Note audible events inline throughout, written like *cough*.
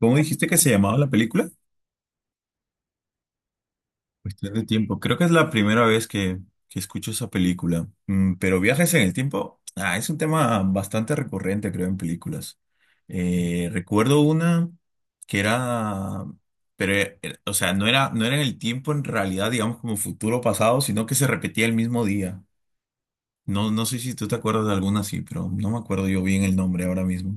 ¿Cómo dijiste que se llamaba la película? Cuestión de tiempo. Creo que es la primera vez que escucho esa película. Mm, pero viajes en el tiempo, es un tema bastante recurrente, creo, en películas. Recuerdo una que era, pero, o sea, no era en el tiempo en realidad, digamos, como futuro o pasado, sino que se repetía el mismo día. No sé si tú te acuerdas de alguna así, pero no me acuerdo yo bien el nombre ahora mismo.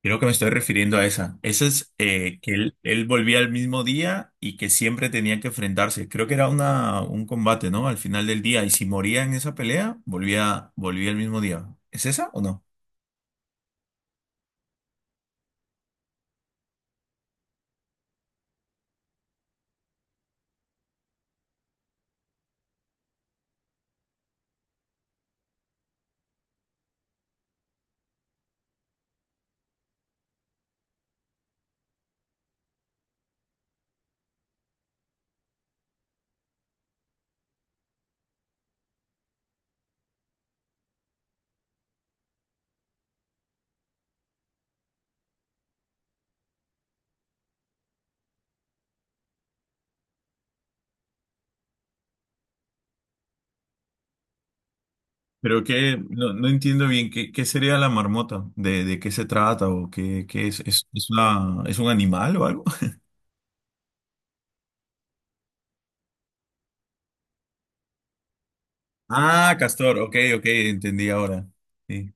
Creo que me estoy refiriendo a esa. Esa es que él volvía el mismo día y que siempre tenía que enfrentarse. Creo que era un combate, ¿no? Al final del día. Y si moría en esa pelea, volvía el mismo día. ¿Es esa o no? Pero que no entiendo bien qué, qué sería la marmota, de qué se trata o qué, es una, es un animal o algo. *laughs* Ah, castor, ok, ok, entendí ahora. Sí.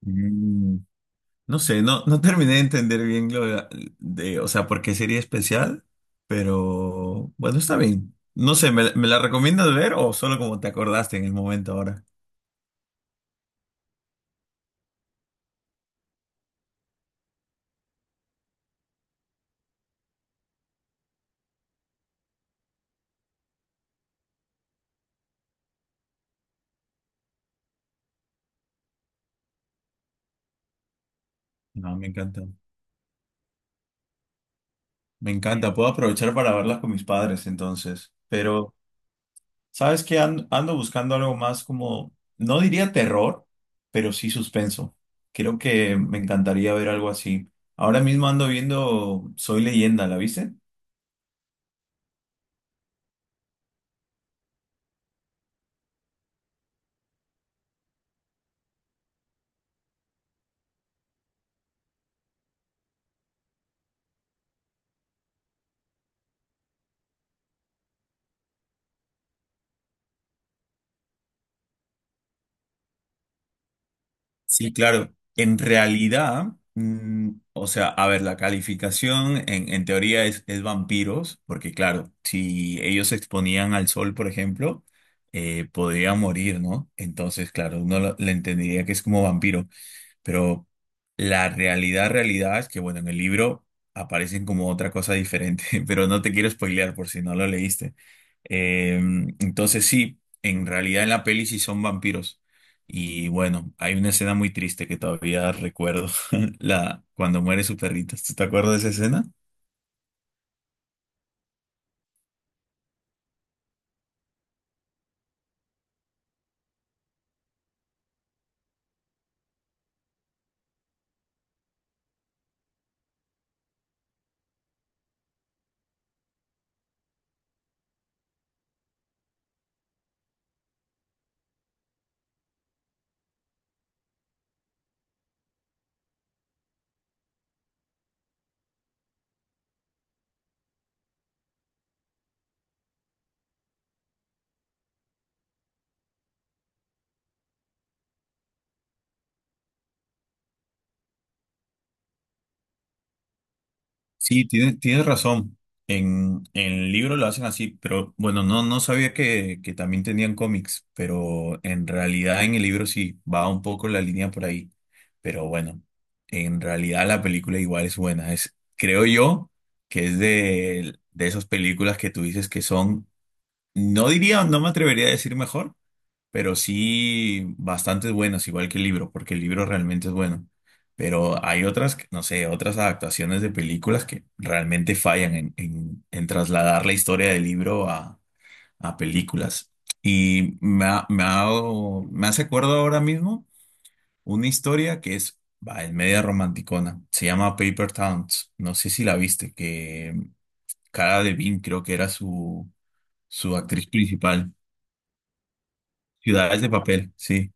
Mm. No sé, no terminé de entender bien lo de, o sea, por qué sería especial, pero bueno, está bien. No sé, me la recomiendas ver o solo como te acordaste en el momento ahora? No, me encanta. Me encanta, puedo aprovechar para verlas con mis padres entonces. Pero, ¿sabes qué? Ando buscando algo más como, no diría terror, pero sí suspenso. Creo que me encantaría ver algo así. Ahora mismo ando viendo Soy Leyenda, ¿la viste? Sí, claro. En realidad, mm, o sea, a ver, la calificación en teoría es vampiros, porque claro, si ellos se exponían al sol, por ejemplo, podrían morir, ¿no? Entonces, claro, le entendería que es como vampiro. Pero realidad es que, bueno, en el libro aparecen como otra cosa diferente, *laughs* pero no te quiero spoilear por si no lo leíste. Eh, entonces sí, en realidad en la peli sí son vampiros. Y bueno, hay una escena muy triste que todavía recuerdo, *laughs* la, cuando muere su perrito. ¿Tú te acuerdas de esa escena? Sí, tienes razón. En el libro lo hacen así, pero bueno, no sabía que también tenían cómics, pero en realidad en el libro sí va un poco la línea por ahí. Pero bueno, en realidad la película igual es buena. Es, creo yo que es de esas películas que tú dices que son, no diría, no me atrevería a decir mejor, pero sí bastante buenas, igual que el libro, porque el libro realmente es bueno. Pero hay otras, no sé, otras adaptaciones de películas que realmente fallan en trasladar la historia del libro a películas. Y me hace acuerdo ahora mismo una historia que es, va, es media romanticona. Se llama Paper Towns. No sé si la viste, que Cara Delevingne creo que era su actriz principal. Ciudades de papel, sí.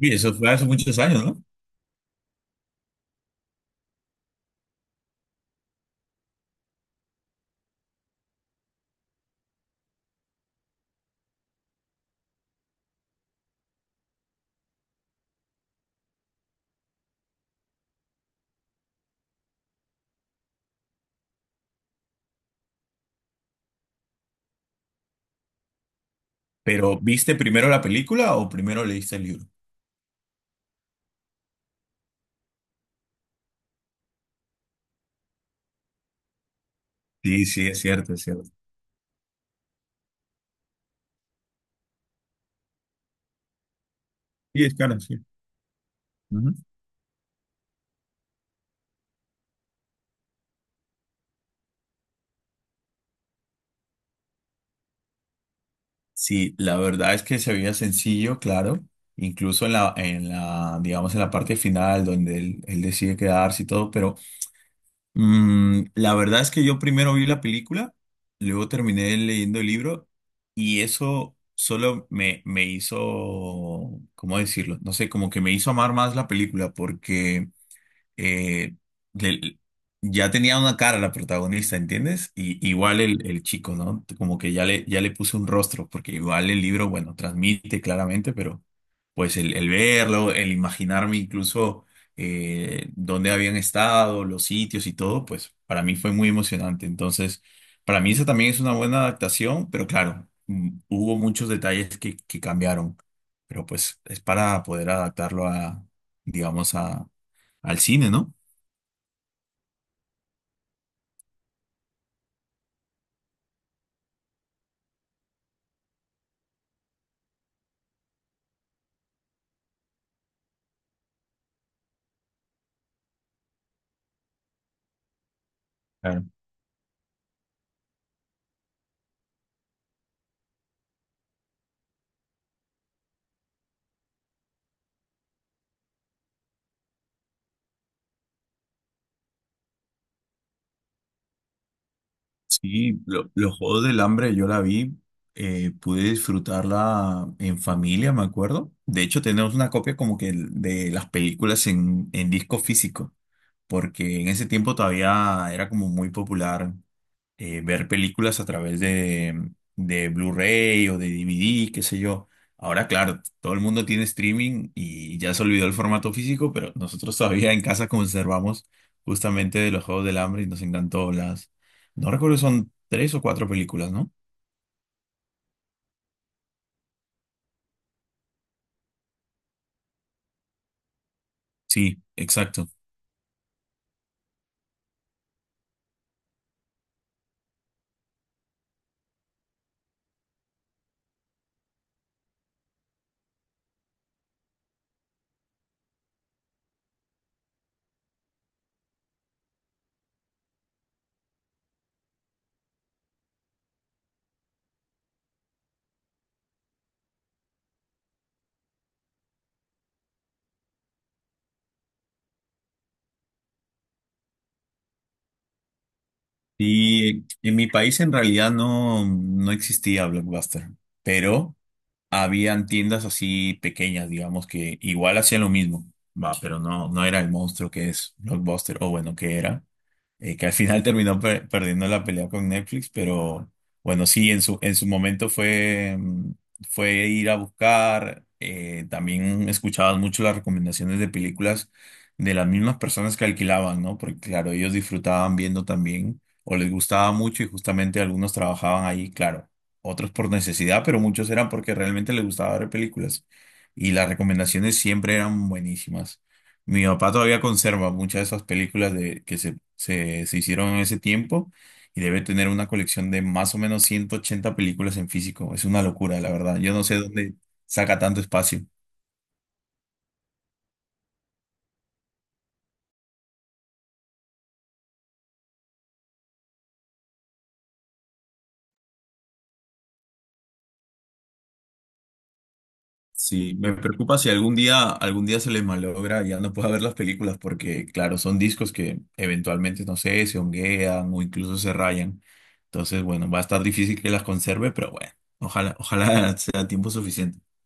Sí, eso fue hace muchos años, ¿no? Pero ¿viste primero la película o primero leíste el libro? Sí, sí, es cierto, es cierto. Sí, es claro, sí. Ujú. Sí, la verdad es que se veía sencillo, claro. Incluso en digamos, en la parte final donde él decide quedarse y todo, pero mm, la verdad es que yo primero vi la película, luego terminé leyendo el libro y eso solo me hizo, ¿cómo decirlo? No sé, como que me hizo amar más la película porque eh, le- ya tenía una cara la protagonista, ¿entiendes? Y igual el chico, ¿no? Como que ya ya le puso un rostro, porque igual el libro, bueno, transmite claramente, pero pues el verlo, el imaginarme incluso dónde habían estado, los sitios y todo, pues para mí fue muy emocionante. Entonces, para mí esa también es una buena adaptación, pero claro, mm, hubo muchos detalles que cambiaron, pero pues es para poder adaptarlo digamos, a, al cine, ¿no? Claro. Sí, los Juegos del Hambre yo la vi, pude disfrutarla en familia, me acuerdo. De hecho, tenemos una copia como que de las películas en disco físico, porque en ese tiempo todavía era como muy popular ver películas a través de Blu-ray o de DVD, qué sé yo. Ahora, claro, todo el mundo tiene streaming y ya se olvidó el formato físico, pero nosotros todavía en casa conservamos justamente de los Juegos del Hambre y nos encantó las... No recuerdo, son tres o cuatro películas, ¿no? Sí, exacto. Y en mi país en realidad no existía Blockbuster, pero habían tiendas así pequeñas, digamos, que igual hacían lo mismo, va, pero no era el monstruo que es Blockbuster, o bueno, que era que al final terminó perdiendo la pelea con Netflix, pero bueno, sí, en en su momento fue, mm, fue ir a buscar, también escuchaban mucho las recomendaciones de películas de las mismas personas que alquilaban, ¿no? Porque claro, ellos disfrutaban viendo también, o les gustaba mucho y justamente algunos trabajaban ahí, claro, otros por necesidad, pero muchos eran porque realmente les gustaba ver películas. Y las recomendaciones siempre eran buenísimas. Mi papá todavía conserva muchas de esas películas de, se hicieron en ese tiempo y debe tener una colección de más o menos 180 películas en físico. Es una locura, la verdad. Yo no sé dónde saca tanto espacio. Sí, me preocupa si algún algún día se les malogra y ya no pueda ver las películas porque, claro, son discos que eventualmente, no sé, se honguean o incluso se rayan. Entonces, bueno, va a estar difícil que las conserve, pero bueno, ojalá *laughs* sea tiempo suficiente.